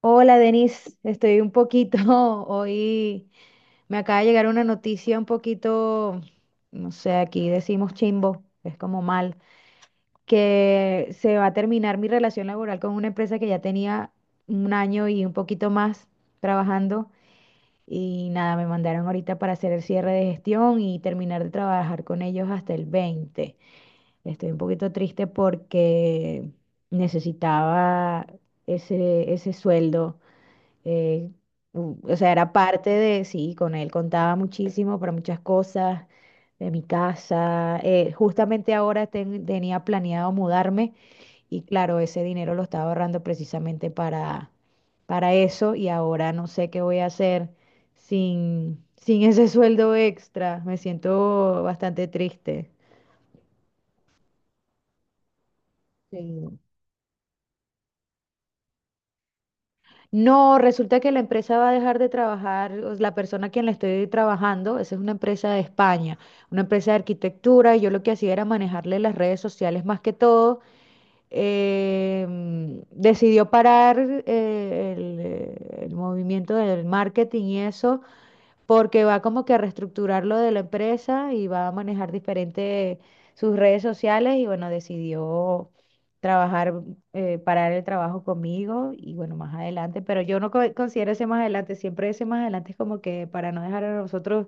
Hola, Denise. Estoy un poquito hoy. Me acaba de llegar una noticia un poquito, no sé, aquí decimos chimbo, es como mal, que se va a terminar mi relación laboral con una empresa que ya tenía un año y un poquito más trabajando. Y nada, me mandaron ahorita para hacer el cierre de gestión y terminar de trabajar con ellos hasta el 20. Estoy un poquito triste porque necesitaba ese sueldo eh, o sea, era parte de, sí, con él contaba muchísimo para muchas cosas de mi casa. Justamente ahora tenía planeado mudarme y claro, ese dinero lo estaba ahorrando precisamente para eso y ahora no sé qué voy a hacer sin ese sueldo extra. Me siento bastante triste. Sí. No, resulta que la empresa va a dejar de trabajar, o la persona a quien le estoy trabajando, esa es una empresa de España, una empresa de arquitectura, y yo lo que hacía era manejarle las redes sociales más que todo. Decidió parar el movimiento del marketing y eso, porque va como que a reestructurar lo de la empresa y va a manejar diferente sus redes sociales y bueno, decidió trabajar, parar el trabajo conmigo y bueno, más adelante, pero yo no considero ese más adelante, siempre ese más adelante es como que para no dejar a nosotros,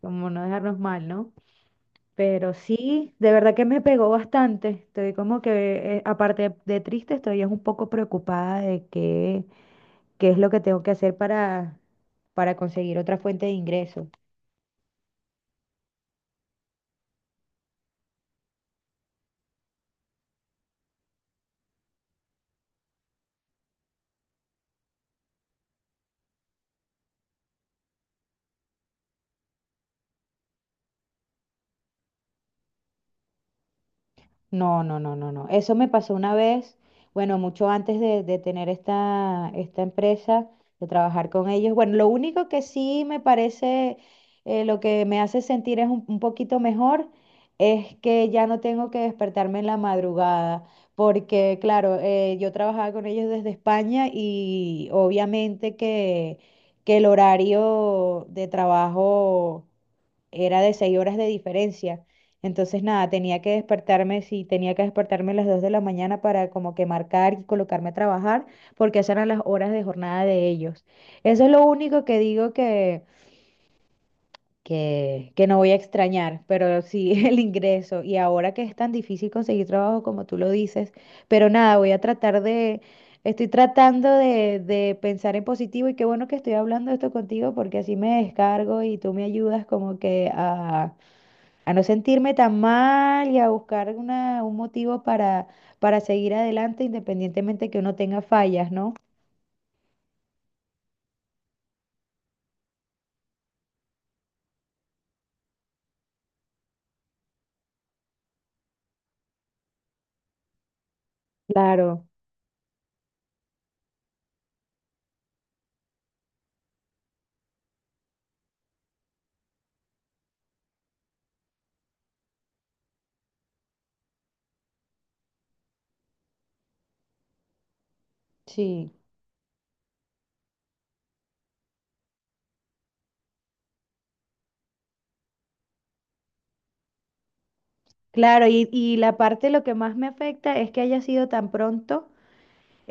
como no dejarnos mal, ¿no? Pero sí, de verdad que me pegó bastante. Estoy como que, aparte de triste, estoy es un poco preocupada de qué es lo que tengo que hacer para conseguir otra fuente de ingresos. No, no, no, no, no. Eso me pasó una vez, bueno, mucho antes de tener esta empresa, de trabajar con ellos. Bueno, lo único que sí me parece, lo que me hace sentir es un poquito mejor, es que ya no tengo que despertarme en la madrugada, porque claro, yo trabajaba con ellos desde España y obviamente que el horario de trabajo era de seis horas de diferencia. Entonces, nada, tenía que despertarme, sí, tenía que despertarme a las 2 de la mañana para como que marcar y colocarme a trabajar, porque esas eran las horas de jornada de ellos. Eso es lo único que digo que no voy a extrañar, pero sí el ingreso. Y ahora que es tan difícil conseguir trabajo como tú lo dices, pero nada, voy a tratar de, estoy tratando de pensar en positivo y qué bueno que estoy hablando esto contigo porque así me descargo y tú me ayudas como que a no sentirme tan mal y a buscar un motivo para seguir adelante independientemente que uno tenga fallas, ¿no? Claro, sí. Claro, y la parte lo que más me afecta es que haya sido tan pronto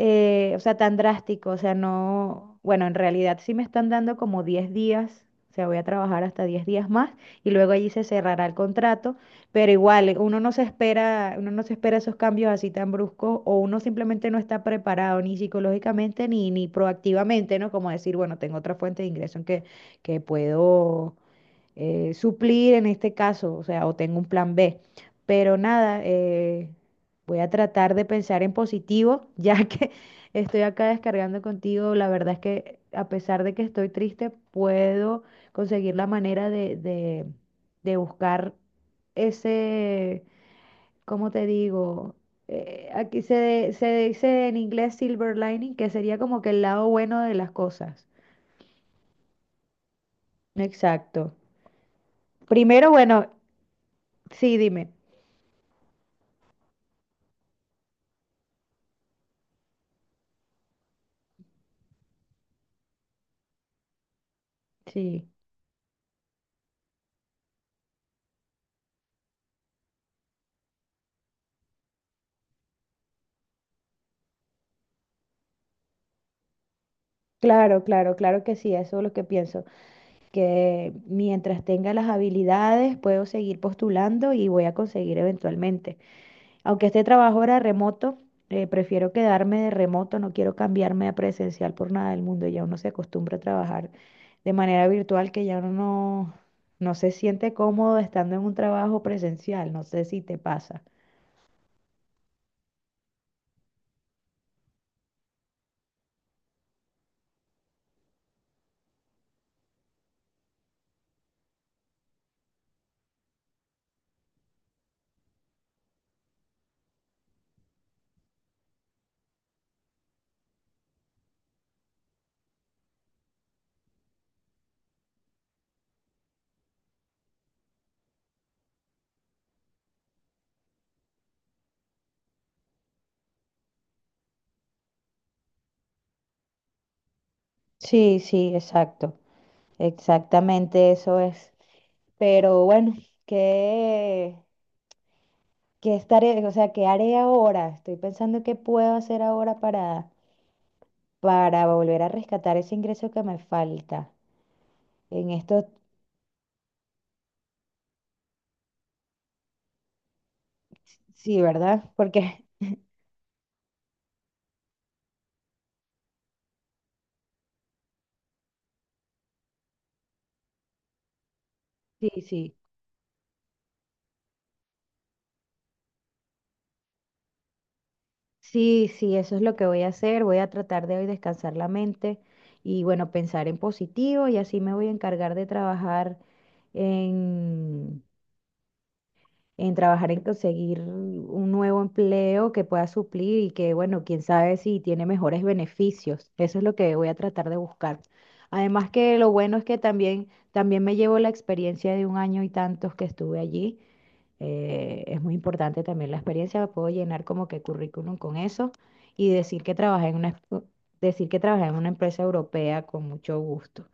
o sea, tan drástico, o sea, no, bueno, en realidad sí me están dando como 10 días, o sea, voy a trabajar hasta 10 días más y luego allí se cerrará el contrato, pero igual, uno no se espera esos cambios así tan bruscos o uno simplemente no está preparado ni psicológicamente ni proactivamente, ¿no? Como decir, bueno, tengo otra fuente de ingreso en que puedo suplir en este caso, o sea, o tengo un plan B. Pero nada, voy a tratar de pensar en positivo, ya que estoy acá descargando contigo. La verdad es que a pesar de que estoy triste, puedo conseguir la manera de buscar ese, ¿cómo te digo? Aquí se dice en inglés silver lining, que sería como que el lado bueno de las cosas. Exacto. Primero, bueno, sí, dime. Sí. Claro, claro, claro que sí, eso es lo que pienso, que mientras tenga las habilidades puedo seguir postulando y voy a conseguir eventualmente. Aunque este trabajo era remoto, prefiero quedarme de remoto, no quiero cambiarme a presencial por nada del mundo, ya uno se acostumbra a trabajar de manera virtual que ya uno no se siente cómodo estando en un trabajo presencial, no sé si te pasa. Sí, sí, exacto. Exactamente eso es. Pero bueno, qué ¿Qué estaré, o sea, qué haré ahora? Estoy pensando qué puedo hacer ahora para volver a rescatar ese ingreso que me falta. En esto, sí, ¿verdad? Porque sí, sí, sí, sí, eso es lo que voy a hacer. Voy a tratar de hoy descansar la mente y, bueno, pensar en positivo y así me voy a encargar de trabajar en trabajar en conseguir un nuevo empleo que pueda suplir y que, bueno, quién sabe si tiene mejores beneficios. Eso es lo que voy a tratar de buscar. Además que lo bueno es que también me llevo la experiencia de un año y tantos que estuve allí. Es muy importante también la experiencia, puedo llenar como que currículum con eso y decir que trabajé en una empresa europea con mucho gusto.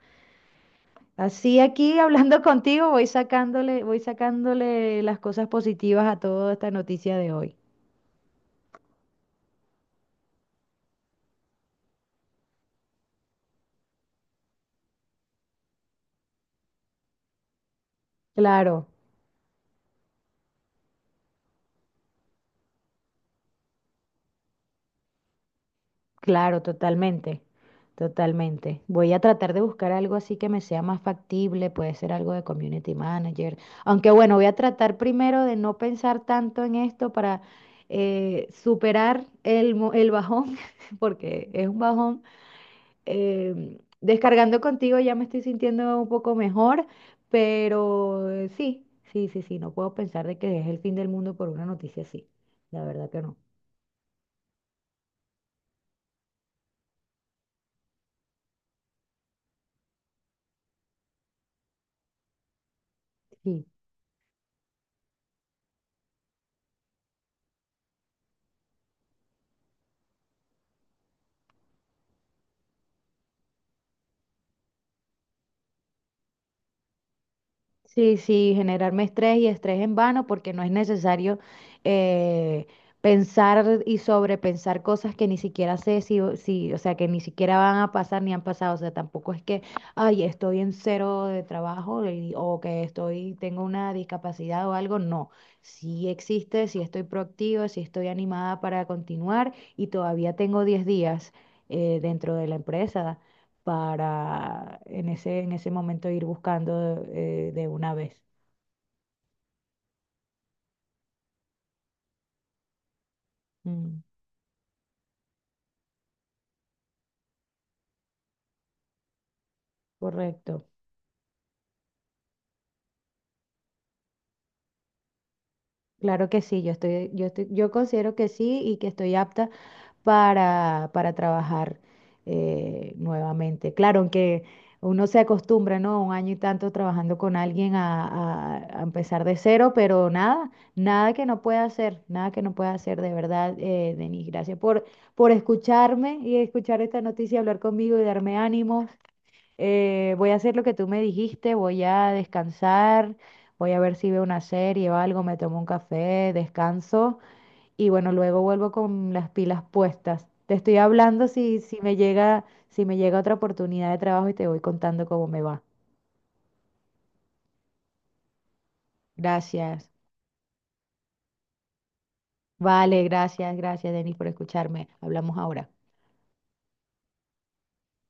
Así aquí hablando contigo voy sacándole las cosas positivas a toda esta noticia de hoy. Claro, claro, totalmente, totalmente. Voy a tratar de buscar algo así que me sea más factible, puede ser algo de community manager. Aunque bueno, voy a tratar primero de no pensar tanto en esto para superar el bajón, porque es un bajón. Descargando contigo ya me estoy sintiendo un poco mejor, pero sí, sí, sí, sí, no puedo pensar de que es el fin del mundo por una noticia así. La verdad que no. Sí. Sí, sí, generarme estrés y estrés en vano porque no es necesario eh, pensar y sobrepensar cosas que ni siquiera sé si, o sea, que ni siquiera van a pasar ni han pasado. O sea, tampoco es que, ay, estoy en cero de trabajo tengo una discapacidad o algo. No, sí existe, sí estoy proactiva, sí estoy animada para continuar y todavía tengo 10 días dentro de la empresa para en ese momento ir buscando de una vez. Mm, correcto. Claro que sí, yo considero que sí y que estoy apta para trabajar nuevamente. Claro, aunque uno se acostumbra, ¿no? Un año y tanto trabajando con alguien a empezar de cero, pero nada, nada que no pueda hacer, nada que no pueda hacer, de verdad, Denis. Gracias por escucharme y escuchar esta noticia, hablar conmigo y darme ánimos. Voy a hacer lo que tú me dijiste, voy a descansar, voy a ver si veo una serie o algo, me tomo un café, descanso y bueno, luego vuelvo con las pilas puestas. Te estoy hablando si me llega otra oportunidad de trabajo y te voy contando cómo me va. Gracias. Vale, gracias, gracias, Denis, por escucharme. Hablamos ahora.